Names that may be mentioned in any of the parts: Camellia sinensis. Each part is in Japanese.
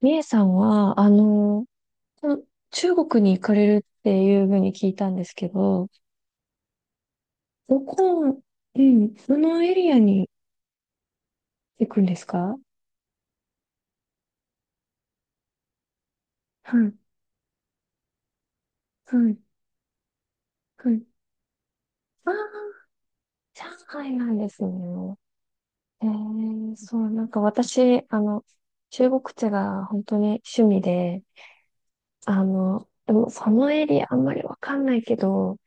みえさんは、この中国に行かれるっていうふうに聞いたんですけど、どこ、うん、どのエリアに行くんですか？はい、はい、はい。ああ、上海なんですね。そう、なんか私、中国茶が本当に趣味で、でもそのエリアあんまりわかんないけど、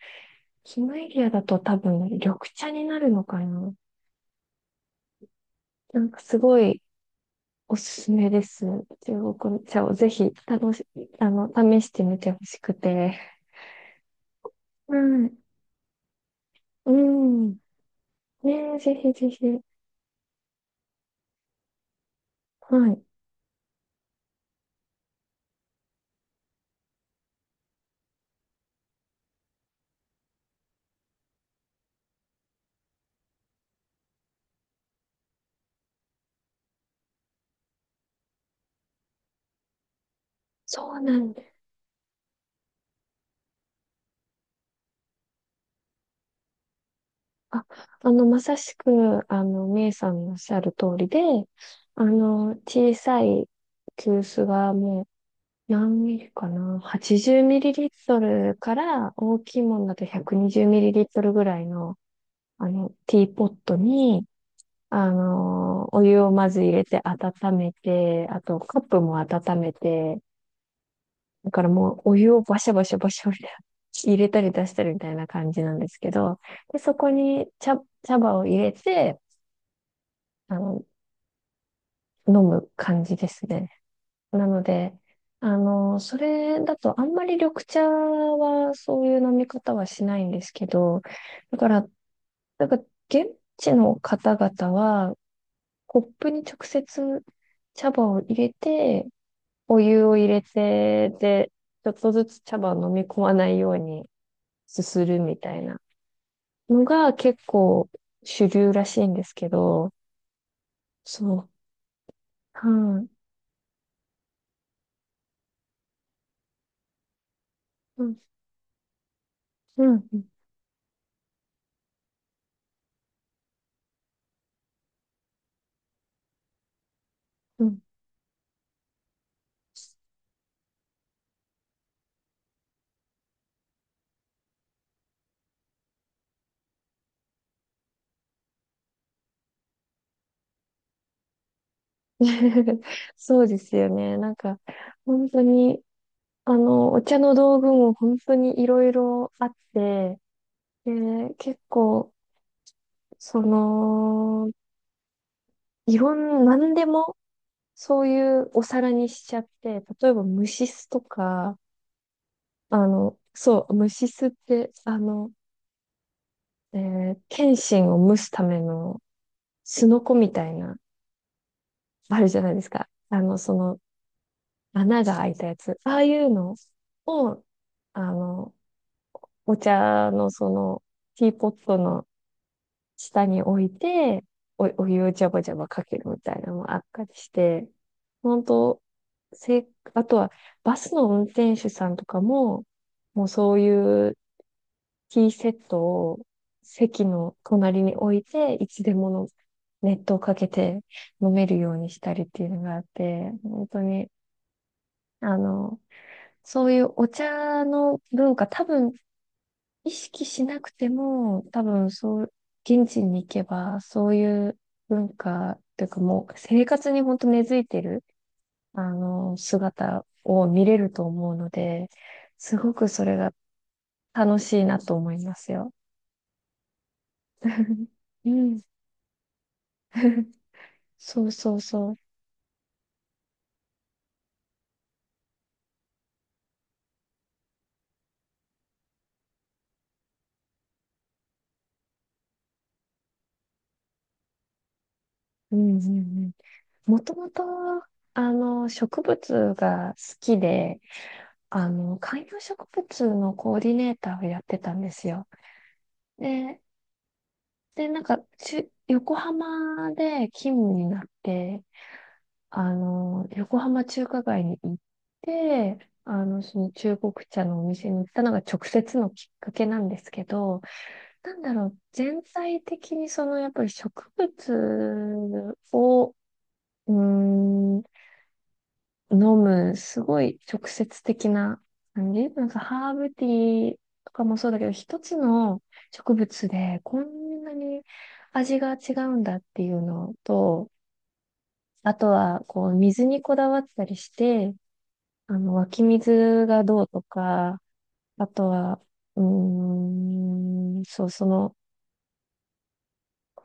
そのエリアだと多分緑茶になるのかな。なんかすごい、おすすめです。中国茶をぜひ楽し、あの、試してみてほしくて。はい。うん。ねえ、ぜひぜひ。はい。そうなんです。あ、まさしく、メイさんのおっしゃる通りで、小さい急須がもう何ミリかな？ 80 ミリリットルから大きいものだと120ミリリットルぐらいの、ティーポットに、お湯をまず入れて温めて、あとカップも温めて、だからもうお湯をバシャバシャバシャ入れたり出したりみたいな感じなんですけど、で、そこに茶葉を入れて、あの、飲む感じですね。なので、それだとあんまり緑茶はそういう飲み方はしないんですけど、だから、だから現地の方々はコップに直接茶葉を入れて、お湯を入れて、で、ちょっとずつ茶葉を飲み込まないようにすするみたいなのが結構主流らしいんですけど、そう、はい、うん、うん、うん。そうですよね。なんか、本当に、お茶の道具も本当にいろいろあって、で、結構、その、いろん、なんでも、そういうお皿にしちゃって、例えば蒸し酢とか、そう、虫巣って、剣心を蒸すためのすのこみたいな、あるじゃないですか。穴が開いたやつ。ああいうのを、あの、お茶のティーポットの下に置いて、お湯をジャバジャバかけるみたいなのもあったりして、本当せ、あとは、バスの運転手さんとかも、もうそういうティーセットを席の隣に置いて、いつでもの熱湯をかけて飲めるようにしたりっていうのがあって、本当に、あの、そういうお茶の文化、多分意識しなくても、多分そう、現地に行けば、そういう文化というかもう生活に本当根付いてる、姿を見れると思うので、すごくそれが楽しいなと思いますよ。うん。そうそうそう。うんうんうん。もともと、植物が好きで、観葉植物のコーディネーターをやってたんですよ。で、で、なんか、横浜で勤務になって、横浜中華街に行って、その中国茶のお店に行ったのが直接のきっかけなんですけど、なんだろう、全体的にそのやっぱり植物を、うーん、飲む、すごい直接的な感じ。なんかハーブティーとかもそうだけど、一つの植物でこんなに味が違うんだっていうのと、あとはこう水にこだわったりして、あの湧き水がどうとか、あとは、そう、その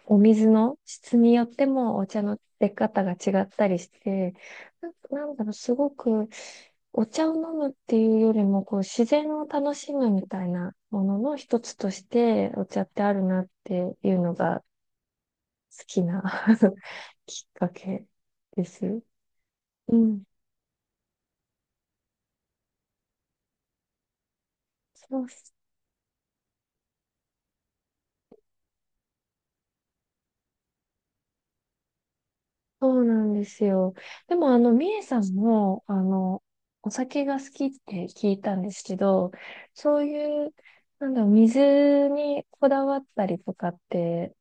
お水の質によってもお茶の出方が違ったりして、な、なんだろう、すごくお茶を飲むっていうよりも、こう自然を楽しむみたいなものの一つとしてお茶ってあるなっていうのが好きな きっかけです。うん。そうそうなんですよ。でも、みえさんも、お酒が好きって聞いたんですけど、そういう、なんだろう、水にこだわったりとかって、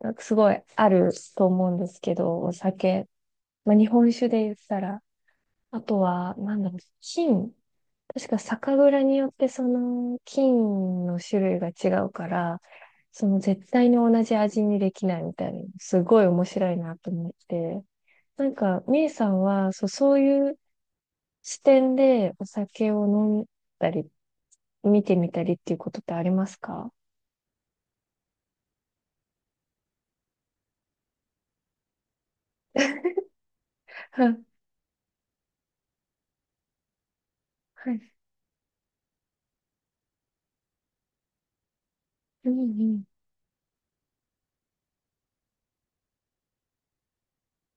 なんかすごいあると思うんですけど、お酒。まあ、日本酒で言ったら。あとは、なんだろう、菌。確か酒蔵によってその菌の種類が違うから、その絶対に同じ味にできないみたいな、すごい面白いなと思って。なんか、みえさんは、そう、そういう視点でお酒を飲んだり、見てみたりっていうことってありますか？はい、はい、うん、うん、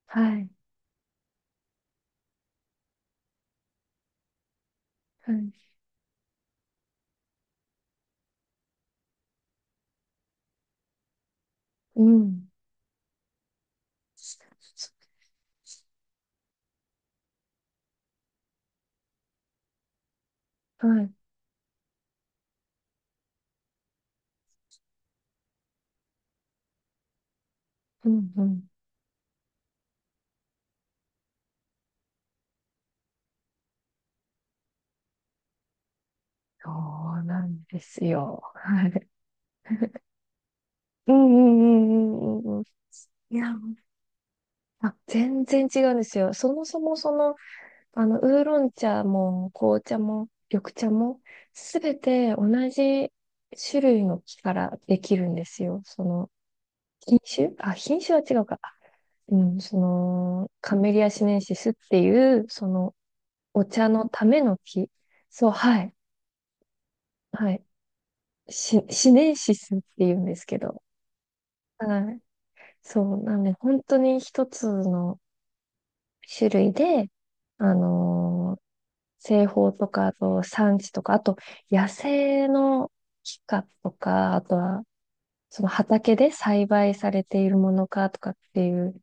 はい、はい、うん、はい、うん、うん。そうなんですよ。はい。うん、うん、うん、うん、うん。うん、いや、あ、全然違うんですよ。そもそもウーロン茶も紅茶も緑茶もすべて同じ種類の木からできるんですよ。その品種は違うか。あ、うん、そのカメリアシネンシスっていうそのお茶のための木。そう、はい。はい。シネンシスっていうんですけど。はい。そう、なんで本当に一つの種類で、あのー製法とか、あと産地とか、あと野生の木かとか、あとはその畑で栽培されているものかとかっていう、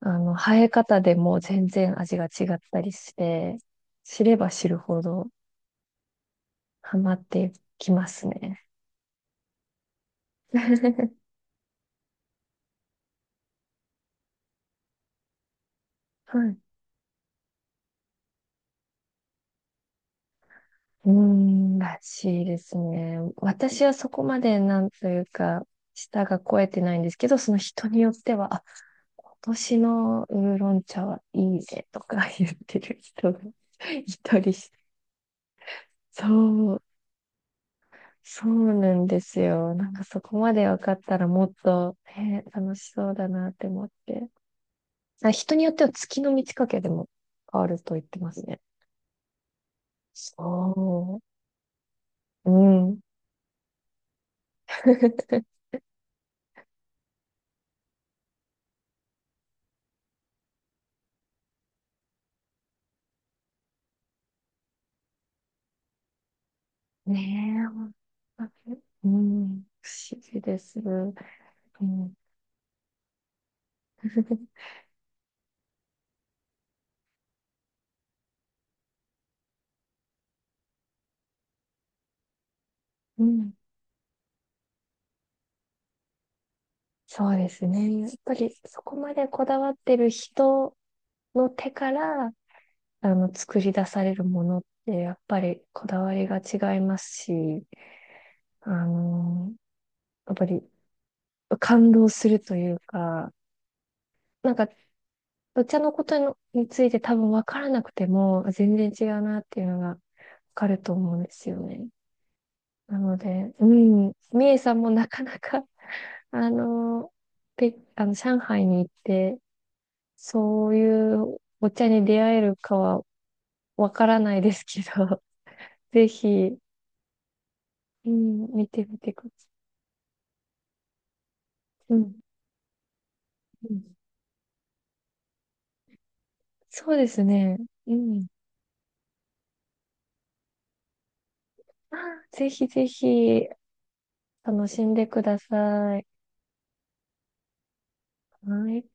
生え方でもう全然味が違ったりして、知れば知るほどハマってきますね。はい。うーん、らしいですね。私はそこまでなんというか、舌が肥えてないんですけど、その人によっては、今年のウーロン茶はいいねとか言ってる人が いたりして、そう、そうなんですよ。なんかそこまで分かったらもっと、ね、楽しそうだなって思って。あ、人によっては月の満ち欠けでも変わると言ってますね。そう。うん。ねえ、本当に。うん。不思議です。うん。うん。そうですね。やっぱりそこまでこだわってる人の手から、作り出されるものって、やっぱりこだわりが違いますし、あの、やっぱり感動するというか、なんか、お茶のことについて多分分からなくても、全然違うなっていうのが分かると思うんですよね。なので、うん、みえさんもなかなか、あの、ペあの、上海に行って、そういうお茶に出会えるかは分からないですけど、ぜひ、うん、見てみてください。うん、うん。そうですね。うん。あ、ぜひぜひ、楽しんでください。はい。